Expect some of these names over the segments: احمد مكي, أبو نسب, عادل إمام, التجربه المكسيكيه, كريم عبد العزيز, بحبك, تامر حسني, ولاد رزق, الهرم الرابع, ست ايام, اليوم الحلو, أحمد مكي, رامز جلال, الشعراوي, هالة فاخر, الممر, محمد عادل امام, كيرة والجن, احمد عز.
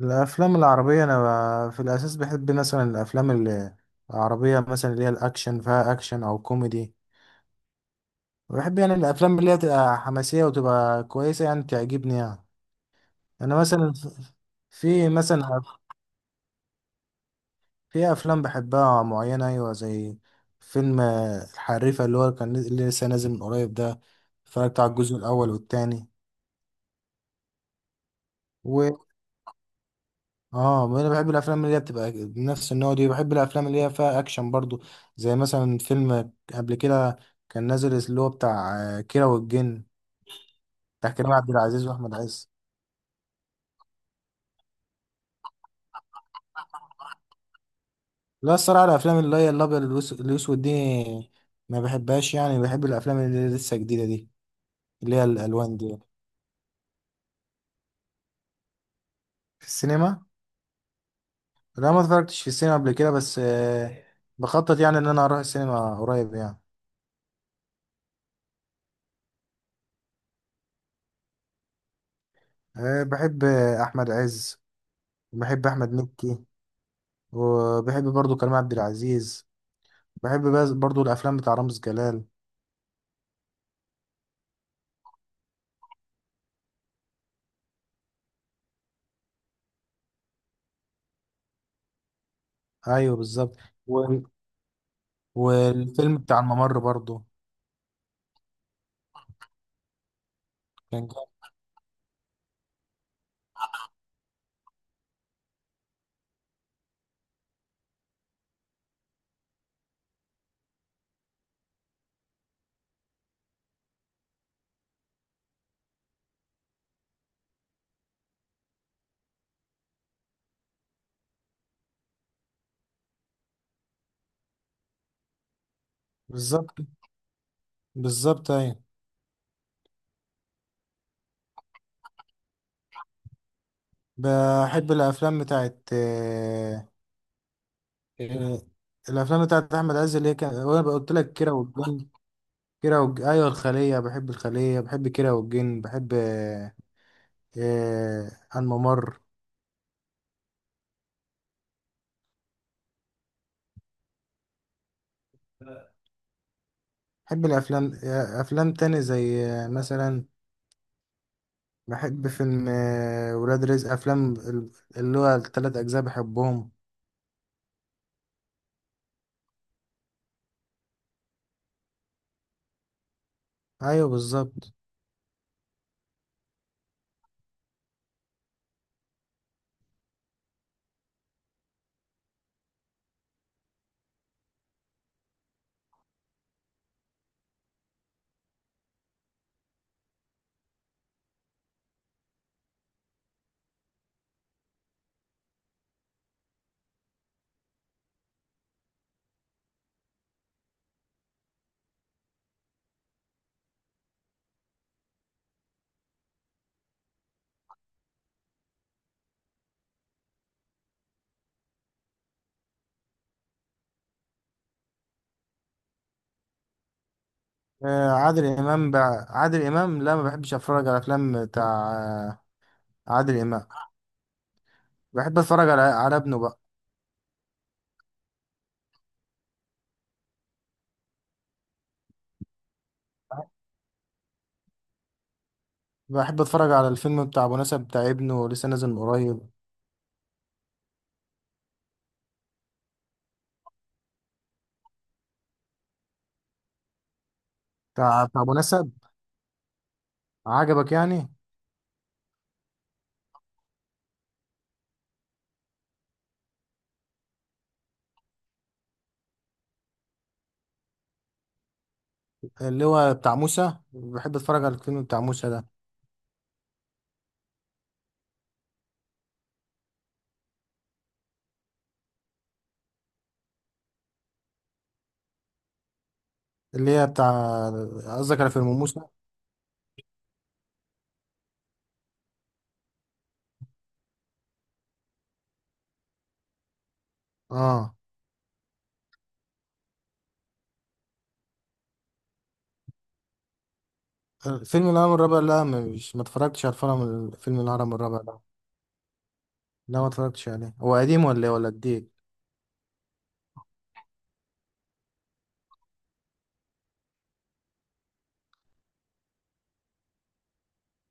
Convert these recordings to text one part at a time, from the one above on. الافلام العربيه انا في الاساس بحب مثلا الافلام العربيه مثلا اللي هي الاكشن فيها اكشن او كوميدي بحب يعني الافلام اللي هي تبقى حماسيه وتبقى كويسه يعني تعجبني يعني. انا مثلا في مثلا أف- في افلام بحبها معينه، ايوه، زي فيلم الحريفه، اللي هو اللي لسه نازل من قريب ده. اتفرجت على الجزء الاول والتاني. اه، ما انا بحب الافلام اللي هي بتبقى نفس النوع دي، بحب الافلام اللي هي فيها اكشن برضو، زي مثلا فيلم قبل كده كان نازل اللي هو بتاع كيرة والجن، بتاع كريم عبد العزيز واحمد عز. لا، الصراحه الافلام اللي هي الابيض الاسود دي ما بحبهاش يعني. بحب الافلام اللي لسه جديده دي، اللي هي الالوان دي. في السينما؟ لا، ما اتفرجتش في السينما قبل كده، بس بخطط يعني ان انا اروح السينما قريب يعني. بحب احمد عز، وبحب احمد مكي، وبحب برضو كريم عبد العزيز، برضو الافلام بتاع رامز جلال. ايوه بالظبط. و... والفيلم بتاع الممر برضو. كان جامد. بالظبط، بالظبط ايوه. بحب الافلام بتاعت آه، آه، الافلام بتاعت احمد عز، اللي هي كان وانا قلت لك كيرة والجن. ايوه الخليه، بحب الخليه، بحب كيرة والجن، بحب آه، الممر. بحب الافلام، افلام تاني زي مثلا بحب فيلم ولاد رزق، اللي هو التلات أجزاء بحبهم. أيوه بالظبط. عادل إمام عادل إمام، لا ما بحبش أتفرج على أفلام بتاع آه، عادل إمام. بحب أتفرج على ابنه بقى. بحب أتفرج على الفيلم بتاع أبو نسب بتاع ابنه، لسه نازل من قريب. بتاع أبو نسب. عجبك يعني؟ اللي هو بتاع موسى، بحب أتفرج على الفيلم بتاع موسى ده. اللي هي بتاع قصدك على فيلم موسى؟ اه. فيلم الهرم الرابع، لا مش، ما اتفرجتش على الفيلم، فيلم الهرم الرابع ده. لا ما اتفرجتش عليه، هو قديم ولا إيه، ولا جديد؟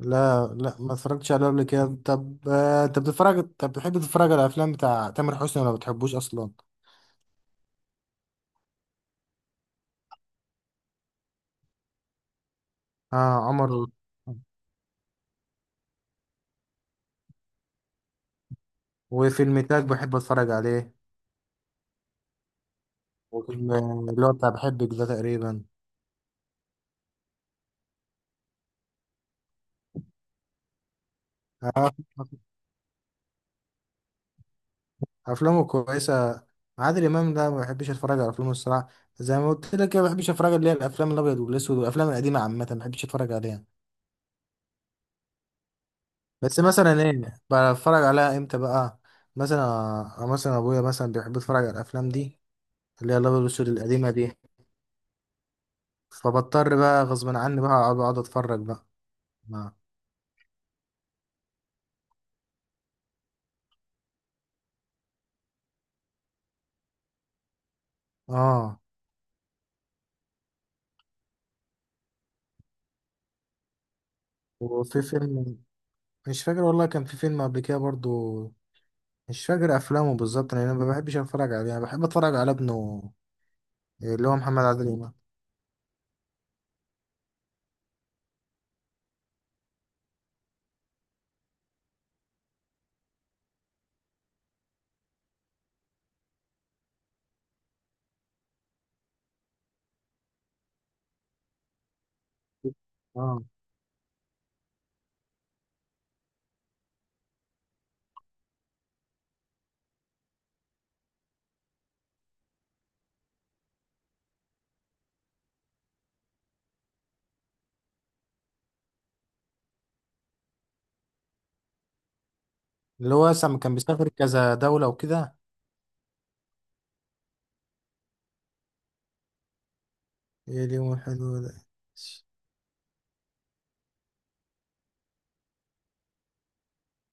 لا ما اتفرجتش عليه قبل كده. طب انت بتتفرج، طب بتحب تتفرج على الافلام بتاع تامر حسني ولا ما بتحبوش اصلا؟ اه، عمر. وفيلم تاج بحب اتفرج عليه. وفيلم اللي هو بتاع بحبك ده تقريبا. آه، افلامه كويسه. عادل امام ده ما بحبش اتفرج على افلامه الصراحه، زي ما قلت لك كده، ما بحبش اتفرج اللي هي الافلام الابيض والاسود والافلام القديمه عامه، ما بحبش اتفرج عليها. بس مثلا ايه؟ بتفرج عليها امتى بقى؟ مثلا، مثلا ابويا مثلا بيحب يتفرج على الافلام دي، اللي هي الابيض والاسود القديمه دي، فبضطر بقى غصب عني بقى أقعد اتفرج بقى، ما. اه. وفي فيلم، مش فاكر والله، كان في فيلم قبل كده برضو مش فاكر افلامه بالظبط، لان انا ما بحبش اتفرج عليه، انا بحب اتفرج على ابنه اللي هو محمد عادل امام. اه، اللي هو لما كان بيسافر كذا دوله وكده. ايه، اليوم الحلو ده؟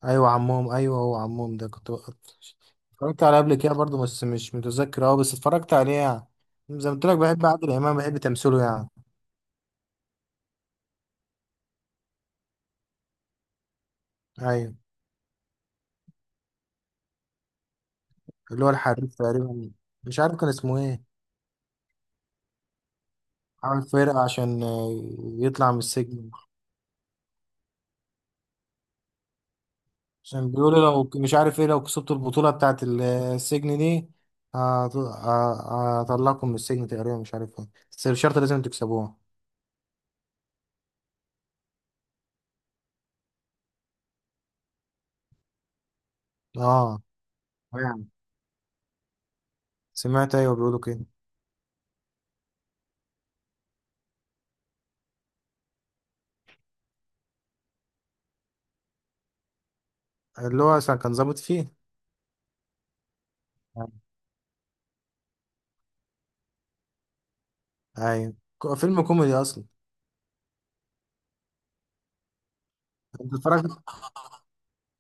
ايوه، عمهم، ايوه، هو عمهم ده اتفرجت عليه قبل كده برضه، بس مش متذكر اه، بس اتفرجت عليه يعني. زي ما قلت لك، بحب عادل امام، بحب تمثيله يعني. ايوه. اللي هو الحريف تقريبا، مش عارف كان اسمه ايه. عامل فرقة عشان يطلع من السجن. عشان بيقولوا مش عارف ايه، لو كسبت البطولة بتاعت السجن دي هطلعكم من السجن تقريبا، مش عارف ايه، بس الشرط لازم تكسبوها. اه يعني، سمعت، ايوه بيقولوا كده. اللي هو كان ظابط فيه. ايوه، فيلم كوميدي اصلا. انت اتفرجت،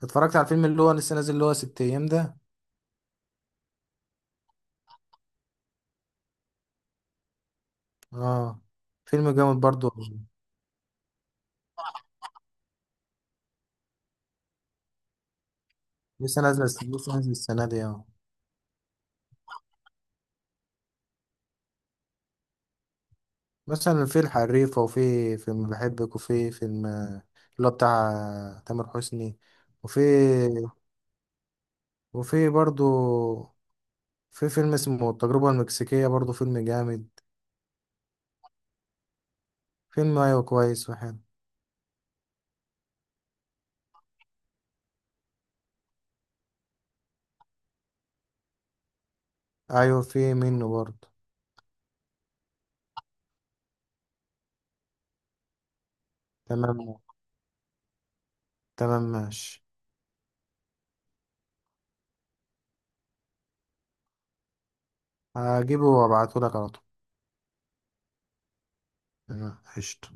اتفرجت على الفيلم اللي هو لسه نازل، اللي هو ست ايام ده؟ اه، فيلم جامد برضو. لسه نازل السنه دي، اه. مثلا في الحريفه، وفي فيلم بحبك، وفي فيلم اللي هو بتاع تامر حسني، وفي وفي برضو، في فيلم اسمه التجربه المكسيكيه برضو، فيلم جامد. فيلم ايوه كويس وحلو. ايوه، في منه برضو. تمام، تمام ماشي. هجيبه وابعته لك على طول. تمام قشطة.